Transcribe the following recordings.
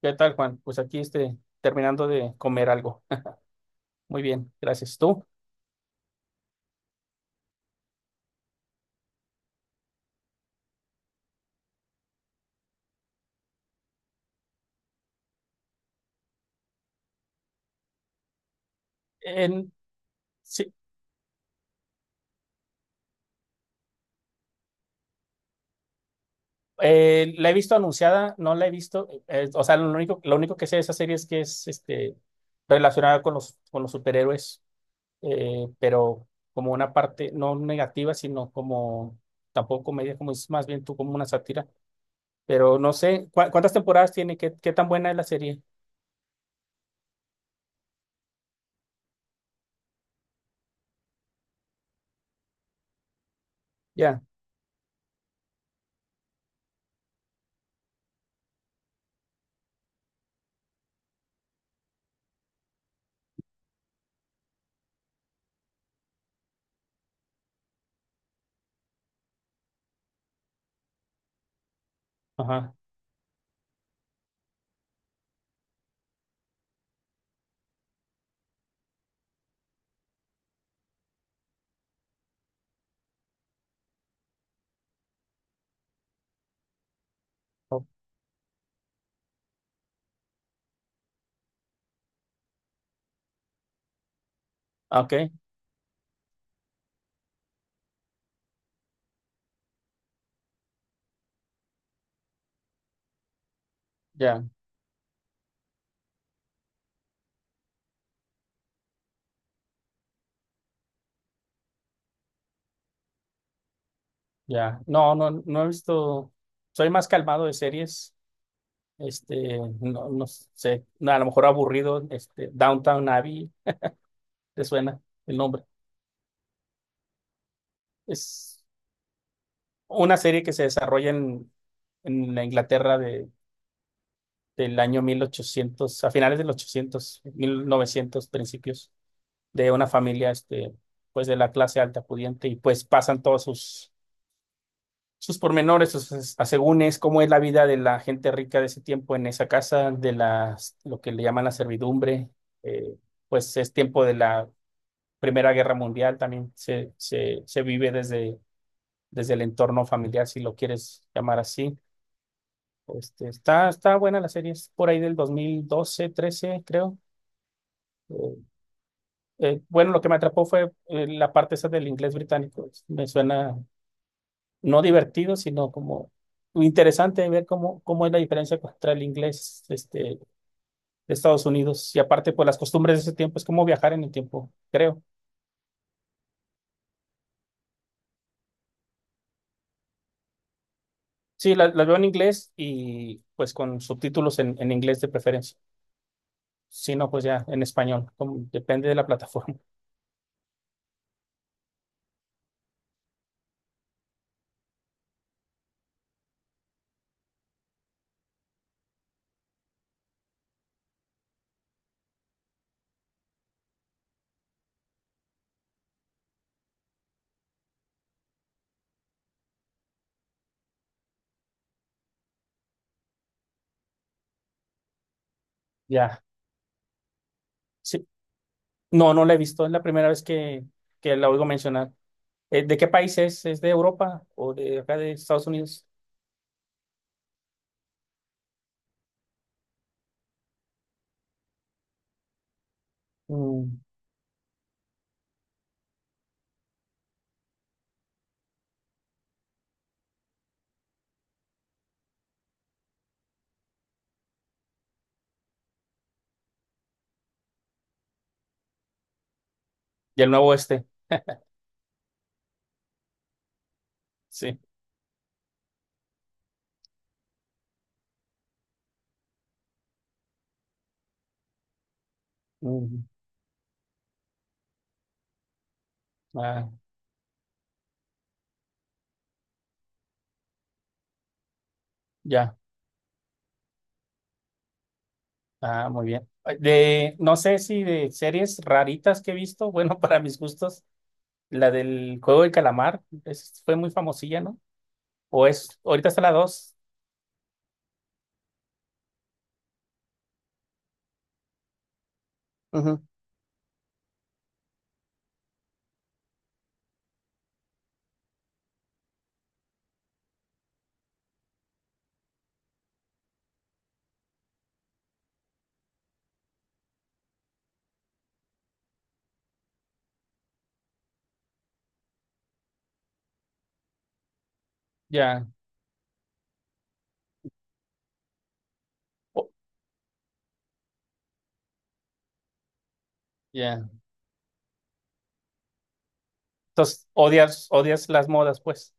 ¿Qué tal, Juan? Pues aquí terminando de comer algo. Muy bien, gracias. ¿Tú? En- sí, la he visto anunciada, no la he visto. O sea, lo único que sé de esa serie es que es relacionada con con los superhéroes, pero como una parte no negativa, sino como tampoco comedia, como es más bien tú como una sátira. Pero no sé, ¿cuántas temporadas tiene? ¿Qué, qué tan buena es la serie? Ya, ajá. o- ah, ok, ya. Ya, no, no, no he visto, soy más calmado de series, no, no sé, no, a lo mejor aburrido, Downtown Abbey, ¿te suena el nombre? Es una serie que se desarrolla en la Inglaterra de, del año 1800, a finales del ochocientos, 1900, principios, de una familia, pues de la clase alta pudiente y pues pasan todos sus sus pormenores, sus asegúnes, cómo es la vida de la gente rica de ese tiempo en esa casa, de las, lo que le llaman la servidumbre. Eh, pues es tiempo de la Primera Guerra Mundial, también se vive desde, desde el entorno familiar, si lo quieres llamar así. Está, está buena la serie, es por ahí del 2012, 13, creo. Eh, bueno, lo que me atrapó fue la parte esa del inglés británico. Me suena no divertido, sino como interesante ver cómo, cómo es la diferencia contra el inglés de Estados Unidos. Y aparte, por las costumbres de ese tiempo, es como viajar en el tiempo, creo. Sí, las veo en inglés y pues con subtítulos en inglés de preferencia. Si no, pues ya en español, depende de la plataforma. Ya. Sí. No, no la he visto, es la primera vez que la oigo mencionar. ¿De qué país es? ¿Es de Europa o de acá de Estados Unidos? Mm. Y el Nuevo Oeste, sí. Mm, ah, ya. Ah, muy bien. De, no sé si de series raritas que he visto, bueno, para mis gustos, la del Juego del Calamar fue muy famosilla, ¿no? O es, ahorita está la dos. Ujú. Ya, o- ya. Entonces, odias, odias las modas, pues.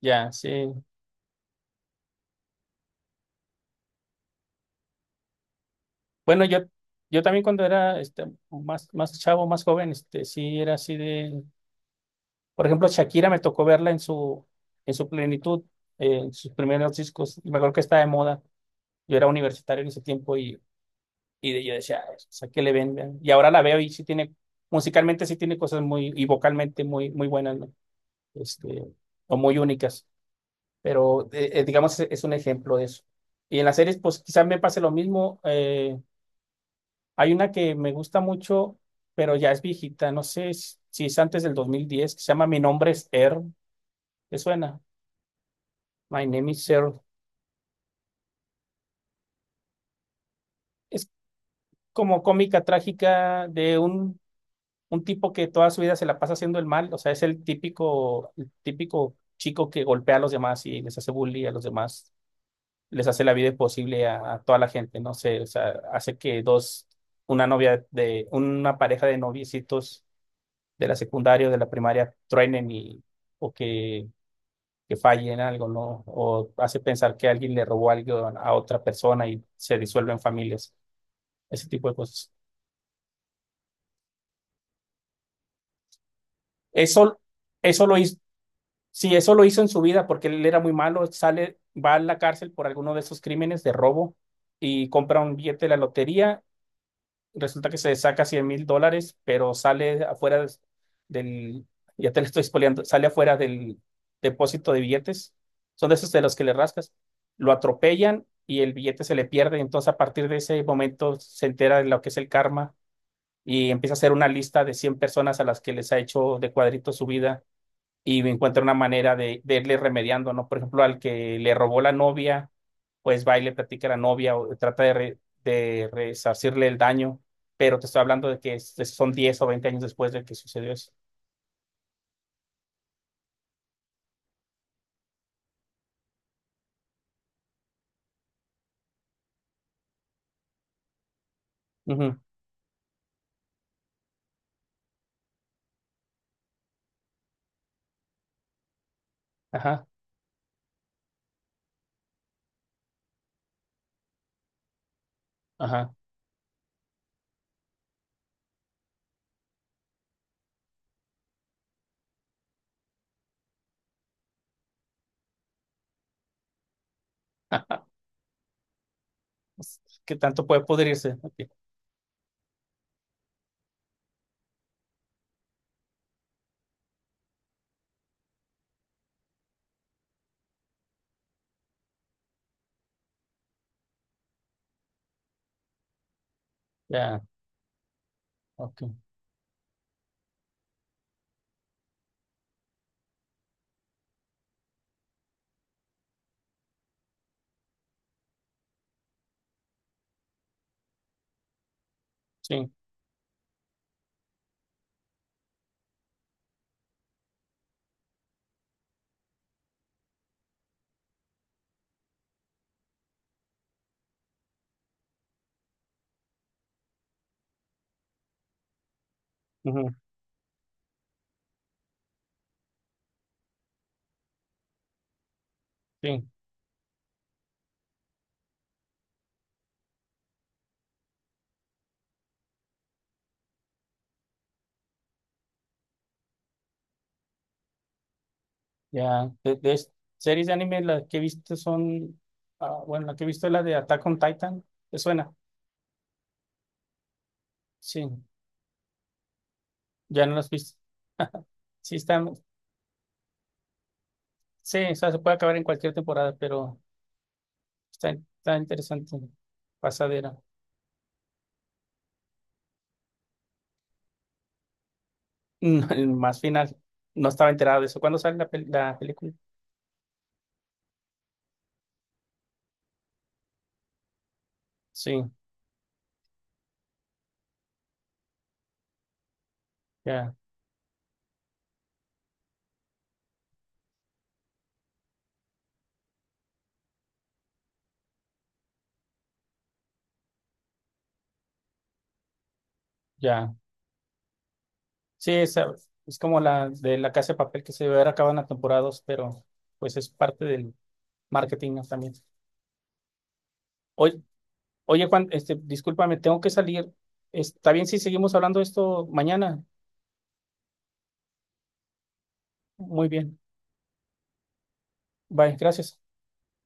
Ya, sí. Bueno, yo, yo también cuando era más chavo, más joven, sí era así de, por ejemplo, Shakira me tocó verla en su plenitud, en sus primeros discos. Me acuerdo que estaba de moda. Yo era universitario en ese tiempo y yo decía: "Ay, o sea, ¿qué le ven? Vean?". Y ahora la veo y sí tiene, musicalmente sí tiene cosas muy, y vocalmente muy, muy buenas, ¿no? Este, o muy únicas. Pero digamos, es un ejemplo de eso. Y en las series, pues quizás me pase lo mismo. Hay una que me gusta mucho, pero ya es viejita, no sé si es antes del 2010, que se llama Mi nombre es Earl. ¿Te suena? My name is Earl. Es como cómica trágica de un tipo que toda su vida se la pasa haciendo el mal, o sea, es el típico chico que golpea a los demás y les hace bullying a los demás, les hace la vida imposible a toda la gente, no sé, o sea, hace que dos, una novia de, una pareja de noviecitos de la secundaria o de la primaria truenen y, o que fallen algo, ¿no? O hace pensar que alguien le robó algo a otra persona y se disuelven familias, ese tipo de cosas. Eso, eso lo hizo, Sí, eso lo hizo en su vida porque él era muy malo, sale, va a la cárcel por alguno de esos crímenes de robo y compra un billete de la lotería, resulta que se saca $100,000, pero sale afuera del, ya te lo estoy spoileando, sale afuera del depósito de billetes, son de esos de los que le rascas, lo atropellan y el billete se le pierde, entonces a partir de ese momento se entera de lo que es el karma y empieza a hacer una lista de 100 personas a las que les ha hecho de cuadrito su vida y encuentra una manera de irle remediando, ¿no? Por ejemplo, al que le robó la novia, pues va y le platica a la novia o trata de, de resarcirle el daño, pero te estoy hablando de que son 10 o 20 años después de que sucedió eso. Ujú, ajá, ajá, ajá. ¿Qué tanto puede pudrirse? Ok, ya, ok, sí, ujú, sí, ya. Series de anime, las que he visto son, ah, bueno, la que he visto es la de Attack on Titan, ¿te suena? Sí, ya no las has visto. Sí, están, sí, o sea, se puede acabar en cualquier temporada, pero está, está interesante. Pasadera. Más final. No estaba enterado de eso. ¿Cuándo sale la, la película? Sí, ya, ya. Sí, es, como la de La Casa de Papel que se debe haber acabado en la temporada dos, pero pues es parte del marketing, ¿no? también. Oye, oye, Juan, discúlpame, tengo que salir. ¿Está bien si seguimos hablando de esto mañana? Muy bien. Bye, gracias.